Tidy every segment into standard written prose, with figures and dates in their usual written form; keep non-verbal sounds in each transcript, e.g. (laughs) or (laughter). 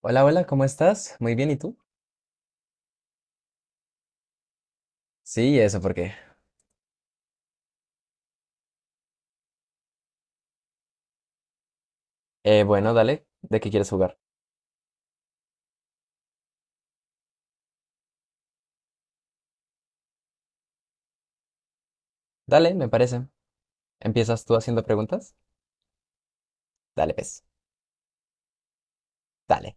Hola, hola, ¿cómo estás? Muy bien, ¿y tú? Sí, eso, ¿por qué? Bueno, dale, ¿de qué quieres jugar? Dale, me parece. ¿Empiezas tú haciendo preguntas? Dale, pues, dale.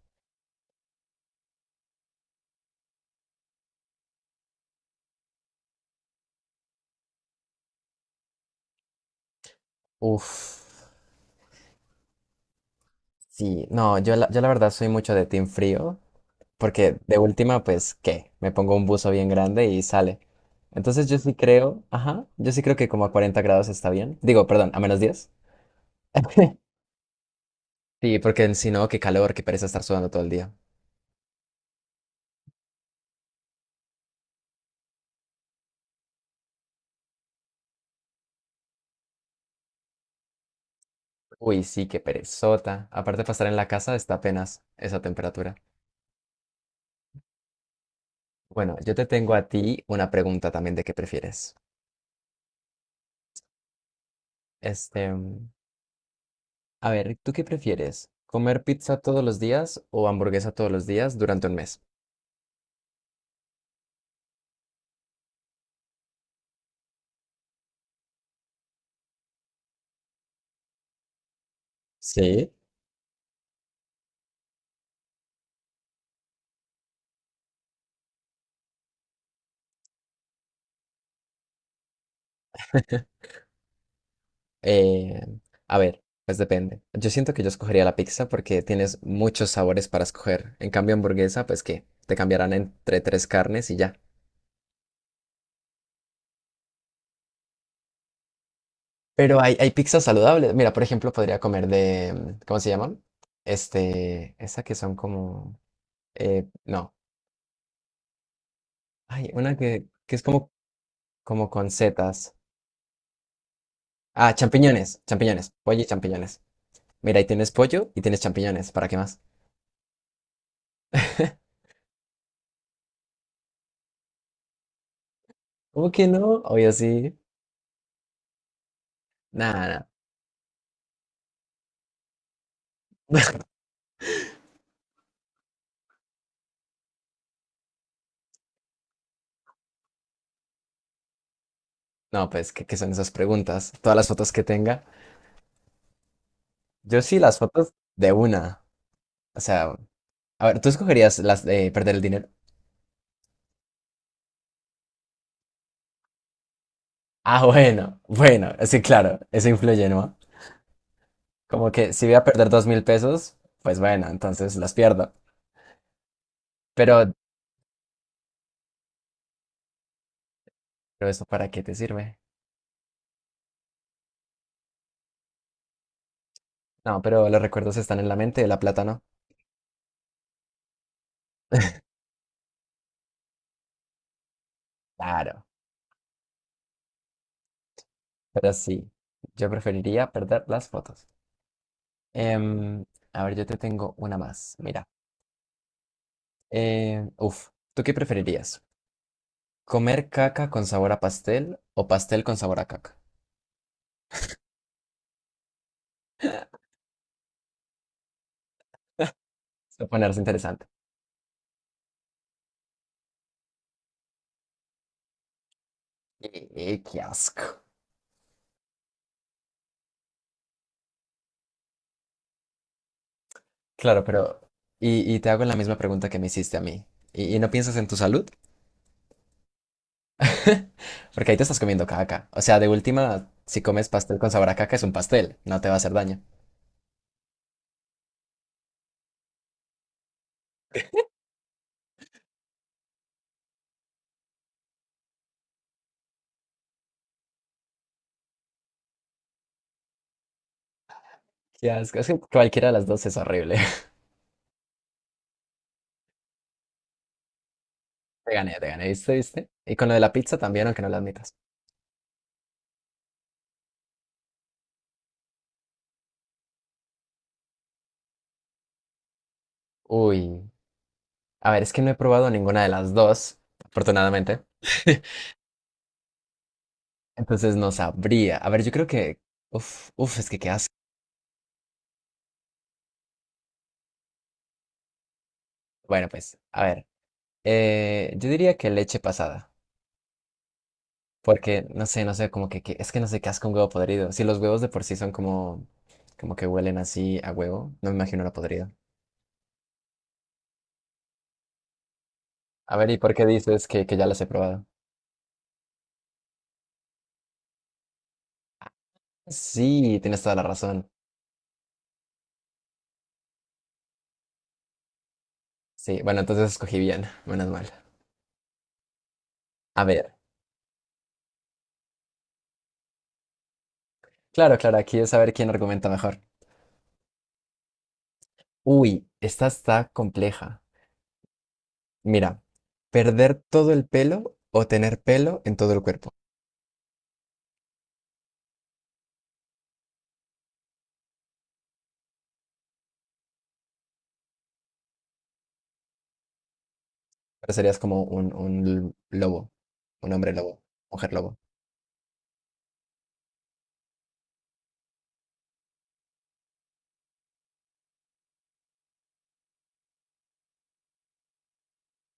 Uf, sí, no, yo la verdad soy mucho de Team Frío, porque de última, pues, ¿qué? Me pongo un buzo bien grande y sale. Entonces yo sí creo, ajá, yo sí creo que como a 40 grados está bien. Digo, perdón, a -10. (laughs) Sí, porque si no, qué calor, qué pereza estar sudando todo el día. Uy, sí, qué perezota. Aparte para estar en la casa está apenas esa temperatura. Bueno, yo te tengo a ti una pregunta también de qué prefieres. Este, a ver, ¿tú qué prefieres? ¿Comer pizza todos los días o hamburguesa todos los días durante un mes? Sí. Eh, a ver, pues depende. Yo siento que yo escogería la pizza porque tienes muchos sabores para escoger. En cambio, hamburguesa, pues que te cambiarán entre tres carnes y ya. Pero hay pizzas saludables. Mira, por ejemplo, podría comer de, ¿cómo se llaman? Este, esa que son como, no, hay una que es como, como con setas. Ah, champiñones, champiñones, pollo y champiñones. Mira, ahí tienes pollo y tienes champiñones, ¿para qué más? (laughs) ¿Cómo que no? Obvio sí. Nada, nada. (laughs) No, pues, ¿qué son esas preguntas? Todas las fotos que tenga. Yo sí, las fotos de una. O sea, a ver, ¿tú escogerías las de perder el dinero? Ah, bueno, bueno, sí, claro, eso influye, ¿no? Como que si voy a perder 2000 pesos, pues bueno, entonces las pierdo. Pero, pero ¿eso para qué te sirve? No, pero los recuerdos están en la mente, la plata no. Claro, pero sí, yo preferiría perder las fotos. Em, a ver, yo te tengo una más. Mira, eh, uf, ¿tú qué preferirías? ¿Comer caca con sabor a pastel o pastel con sabor a caca? Esto va ponerse interesante. Qué asco. Claro, pero y te hago la misma pregunta que me hiciste a mí. ¿Y no piensas en tu salud? (laughs) Porque ahí te estás comiendo caca. O sea, de última, si comes pastel con sabor a caca es un pastel, no te va a hacer daño. Qué asco, es que cualquiera de las dos es horrible. Te gané, ¿viste, viste? Y con lo de la pizza también, aunque no lo admitas. Uy, a ver, es que no he probado ninguna de las dos, afortunadamente. (laughs) Entonces no sabría. A ver, yo creo que... es que qué asco. Bueno, pues, a ver, yo diría que leche pasada. Porque, no sé, no sé, como que, es que no sé qué asco un huevo podrido. Si los huevos de por sí son como, como que huelen así a huevo, no me imagino una podrida. A ver, ¿y por qué dices que ya las he probado? Sí, tienes toda la razón. Sí, bueno, entonces escogí bien, menos mal. A ver. Claro, claro, aquí es saber quién argumenta mejor. Uy, esta está compleja. Mira, perder todo el pelo o tener pelo en todo el cuerpo. Ahora serías como un lobo, un hombre lobo, mujer lobo.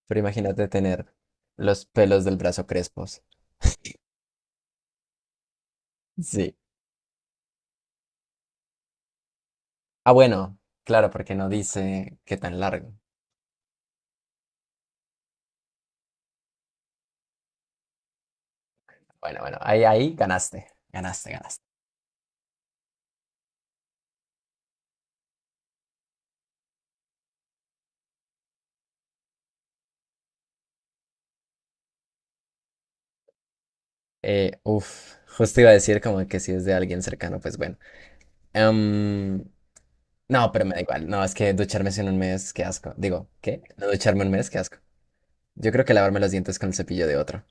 Pero imagínate tener los pelos del brazo crespos. Sí. Ah, bueno, claro, porque no dice qué tan largo. Bueno, bueno, ahí, ahí ganaste, ganaste, ganaste. Justo iba a decir como que si es de alguien cercano, pues bueno. Em, no, pero me da igual. No, es que ducharme en un mes, qué asco. Digo, ¿qué? No ducharme un mes, qué asco. Yo creo que lavarme los dientes con el cepillo de otro.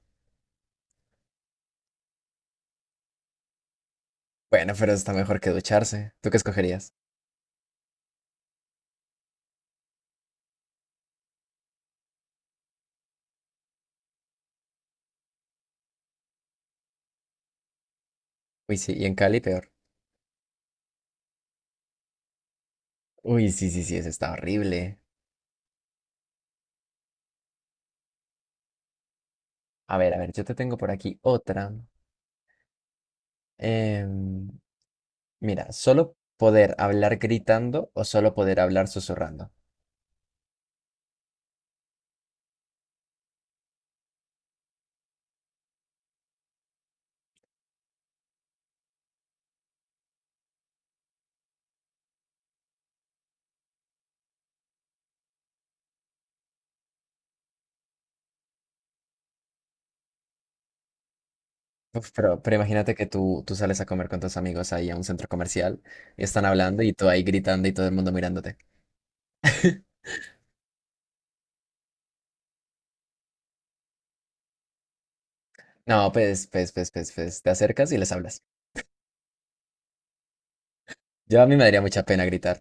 Bueno, pero está mejor que ducharse. ¿Tú qué escogerías? Uy, sí, y en Cali peor. Uy, sí, sí, sí, eso está horrible. A ver, yo te tengo por aquí otra. Em, mira, solo poder hablar gritando o solo poder hablar susurrando. Uf, pero imagínate que tú sales a comer con tus amigos ahí a un centro comercial y están hablando y tú ahí gritando y todo el mundo mirándote. No, pues, te acercas y les hablas. Yo a mí me daría mucha pena gritar.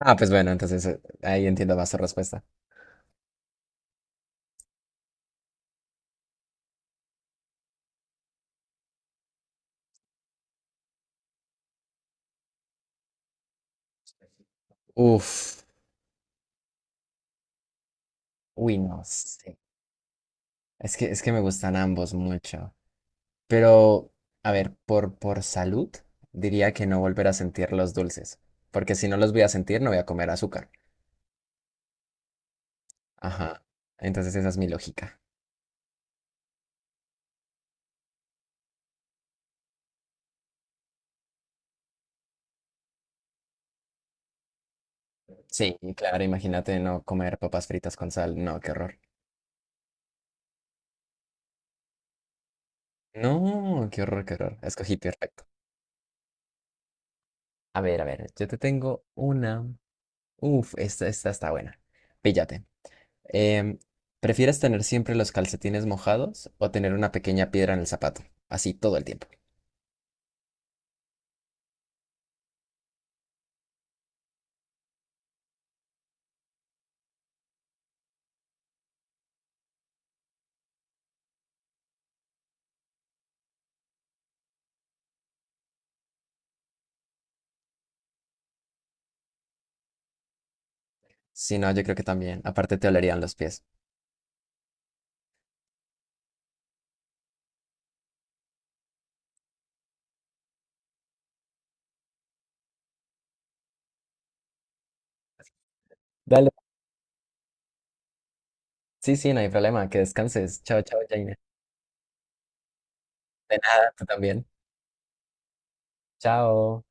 Ah, pues bueno, entonces ahí entiendo más tu respuesta. Uf, uy, no sé. Es que me gustan ambos mucho. Pero, a ver, por salud, diría que no volver a sentir los dulces. Porque si no los voy a sentir, no voy a comer azúcar. Ajá. Entonces esa es mi lógica. Sí, y claro, imagínate no comer papas fritas con sal. No, qué horror. No, qué horror, qué horror. Escogí peor. A ver, yo te tengo una. Uf, esta está buena. Píllate. Em, ¿Prefieres tener siempre los calcetines mojados o tener una pequeña piedra en el zapato? Así todo el tiempo. Si no, yo creo que también. Aparte te olerían los pies. Dale. Sí, sí, no hay problema. Que descanses. Chao, chao, Jaina. De nada, tú también. Chao.